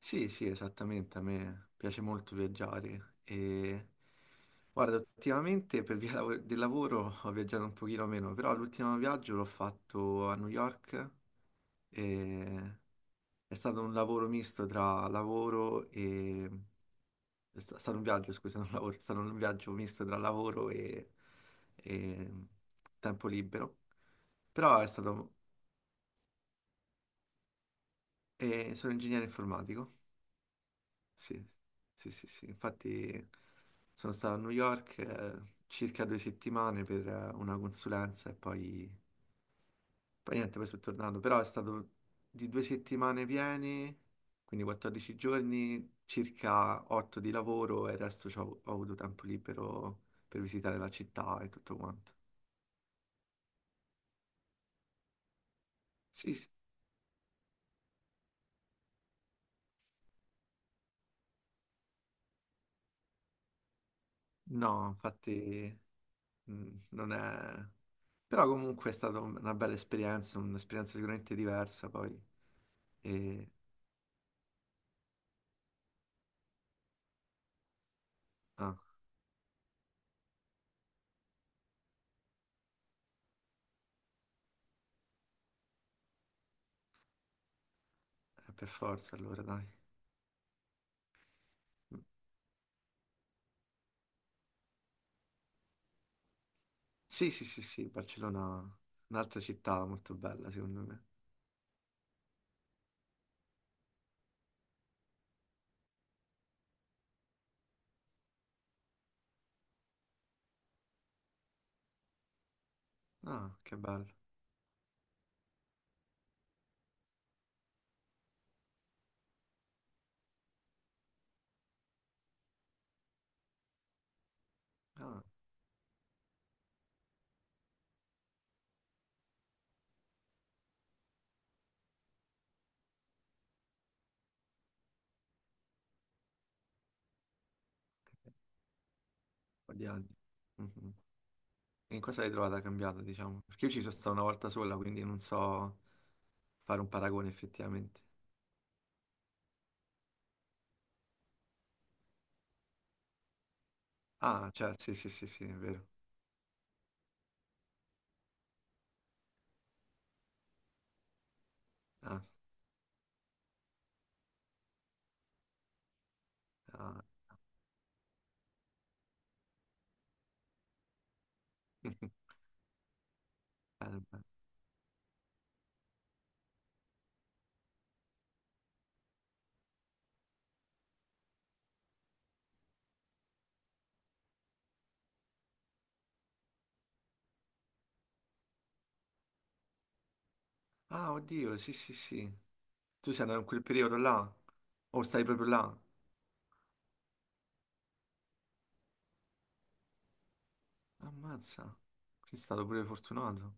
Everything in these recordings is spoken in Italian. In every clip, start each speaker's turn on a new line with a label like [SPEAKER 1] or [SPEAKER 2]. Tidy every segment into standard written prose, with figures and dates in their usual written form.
[SPEAKER 1] Sì, sì, esattamente, a me piace molto viaggiare e guarda, ultimamente per via del lavoro ho viaggiato un pochino meno, però l'ultimo viaggio l'ho fatto a New York e è stato un lavoro misto tra lavoro e... È stato un viaggio, scusa, non lavoro, è stato un viaggio misto tra lavoro e tempo libero, però è stato... e sono ingegnere informatico. Sì, sì, sì, sì. Infatti sono stato a New York circa due settimane per una consulenza e poi niente, poi sono tornato. Però è stato di due settimane piene, quindi 14 giorni, circa 8 di lavoro e il resto ho avuto tempo libero per visitare la città e tutto quanto. Sì, sì. No, infatti non è... Però comunque è stata una bella esperienza, un'esperienza sicuramente diversa poi. E ah, per forza allora, dai. Sì, sì, sì, sì, Barcellona, è un'altra città molto bella, secondo me. Ah, che bello. Ah, un po' di anni. Mhm. E in cosa l'hai trovata cambiata, diciamo? Perché io ci sono stato una volta sola, quindi non so fare un paragone effettivamente. Ah, certo, sì, sì, sì, sì, è vero. Ah, ah. Bene, bene. Ah, oddio, sì, sì, sì. Tu sei andato in quel periodo là? O stai proprio là? Ammazza. Sei stato pure fortunato.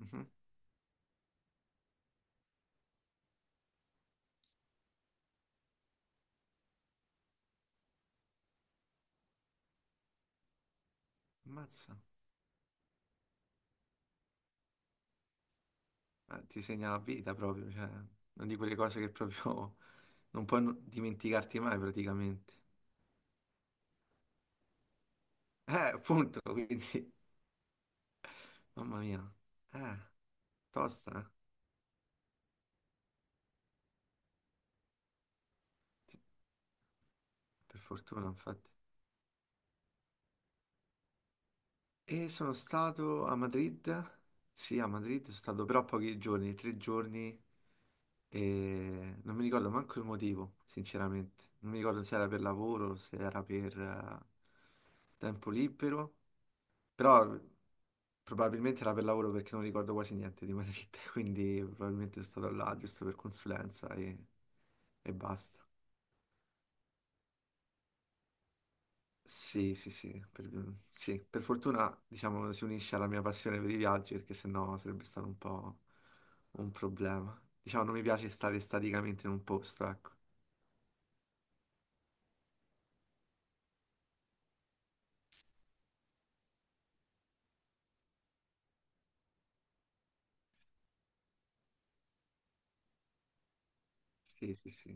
[SPEAKER 1] Mhm. Ammazza. Ma ti segna la vita proprio, cioè, una di quelle cose che proprio non puoi non- dimenticarti mai praticamente. Appunto, quindi, mamma mia, eh, tosta, eh. Ti- per fortuna infatti. E sono stato a Madrid, sì, a Madrid, sono stato però pochi giorni, tre giorni, e non mi ricordo manco il motivo, sinceramente. Non mi ricordo se era per lavoro, se era per tempo libero. Però probabilmente era per lavoro perché non ricordo quasi niente di Madrid, quindi probabilmente sono stato là giusto per consulenza e basta. Sì, sì, sì, per fortuna diciamo si unisce alla mia passione per i viaggi perché sennò sarebbe stato un po' un problema. Diciamo non mi piace stare staticamente in un posto, ecco. Sì, sì, sì.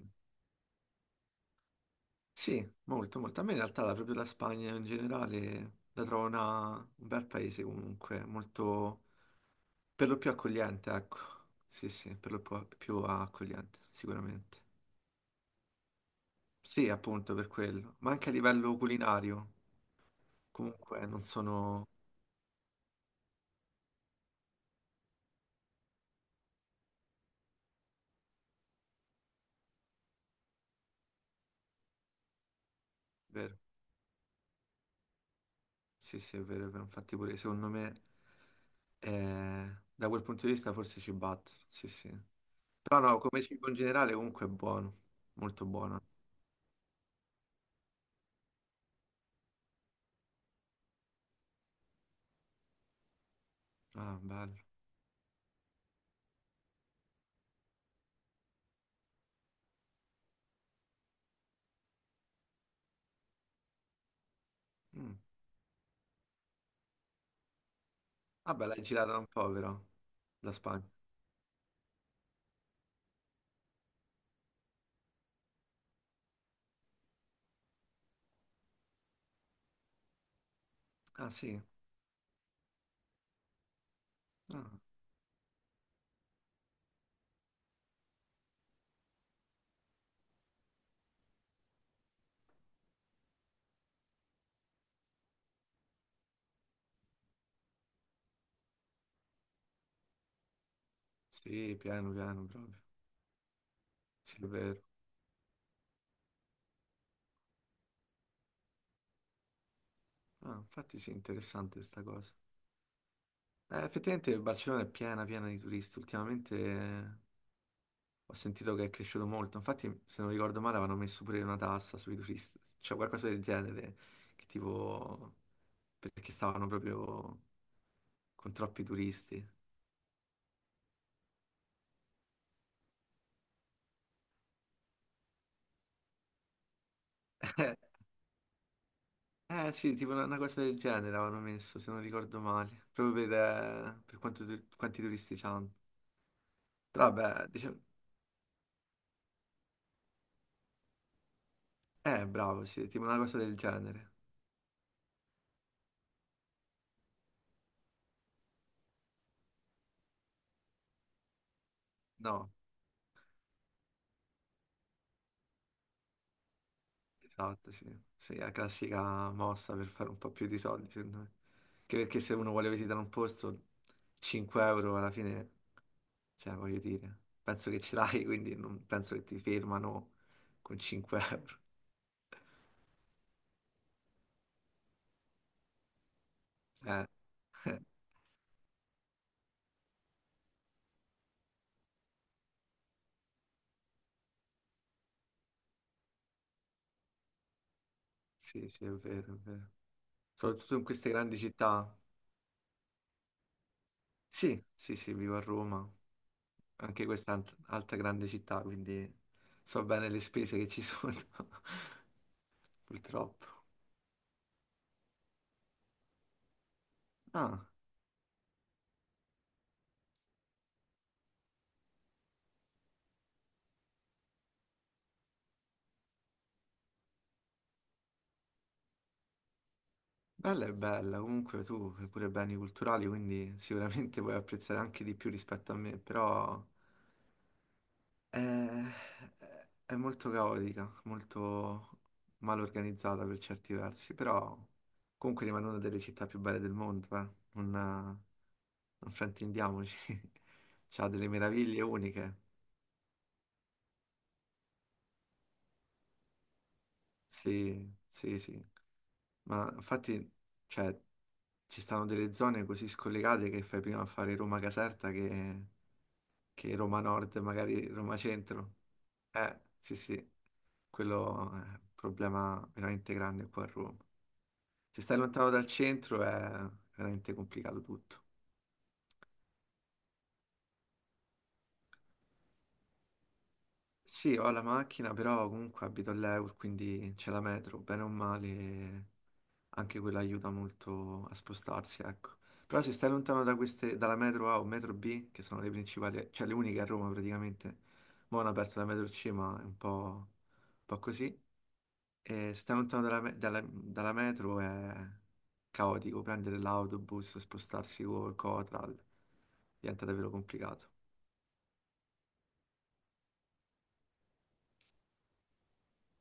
[SPEAKER 1] Sì, molto, molto. A me in realtà proprio la Spagna in generale la trovo un bel paese comunque, molto. Per lo più accogliente, ecco. Sì, sì, per lo più accogliente, sicuramente. Sì, appunto, per quello. Ma anche a livello culinario. Comunque non sono... Vero. Sì, sì, è vero, è vero. Infatti pure secondo me, eh, da quel punto di vista forse ci batto. Sì, sì. Però no, come cibo in generale comunque è buono. Molto buono. Ah, bello. Mm. Vabbè, l'hai girata un po' però, la Spagna. Ah, sì. Ah, sì, piano, piano, proprio. Sì, è vero. Ah, infatti sì, interessante questa cosa. Effettivamente Barcellona è piena piena di turisti. Ultimamente ho sentito che è cresciuto molto. Infatti, se non ricordo male, avevano messo pure una tassa sui turisti. Cioè qualcosa del genere. Che tipo... Perché stavano proprio con troppi turisti. Sì, tipo una cosa del genere avevano messo, se non ricordo male. Proprio per quanto quanti turisti c'hanno. Però vabbè, diciamo... bravo, sì, tipo una cosa del genere. No. Esatto, sì. Sì, è la classica mossa per fare un po' più di soldi, secondo me. Anche perché se uno vuole visitare un posto, 5 euro alla fine, cioè, voglio dire, penso che ce l'hai, quindi non penso che ti fermano con 5 euro. Eh, eh, sì, sì, è vero, è vero. Soprattutto in queste grandi città. Sì, sì, sì, vivo a Roma, anche questa è altra grande città, quindi so bene le spese che ci sono, purtroppo. Ah. Bella è bella, comunque tu fai pure beni culturali, quindi sicuramente puoi apprezzare anche di più rispetto a me, però è, è molto caotica, molto mal organizzata per certi versi, però comunque rimane una delle città più belle del mondo, eh. Non, non fraintendiamoci, c'ha delle meraviglie uniche, sì, sì, sì, ma infatti cioè, ci stanno delle zone così scollegate che fai prima a fare Roma-Caserta che... Che Roma Nord, magari Roma Centro. Sì, sì, quello è un problema veramente grande qua a Roma. Se stai lontano dal centro è veramente complicato tutto. Sì, ho la macchina, però comunque abito all'Eur, quindi c'è la metro, bene o male, anche quella aiuta molto a spostarsi, ecco. Però se stai lontano da queste, dalla metro A o metro B, che sono le principali, cioè le uniche a Roma praticamente, mo' hanno aperto la metro C, ma è un po' così. E stare lontano dalla, dalla metro è caotico, prendere l'autobus, spostarsi col Coral diventa davvero complicato.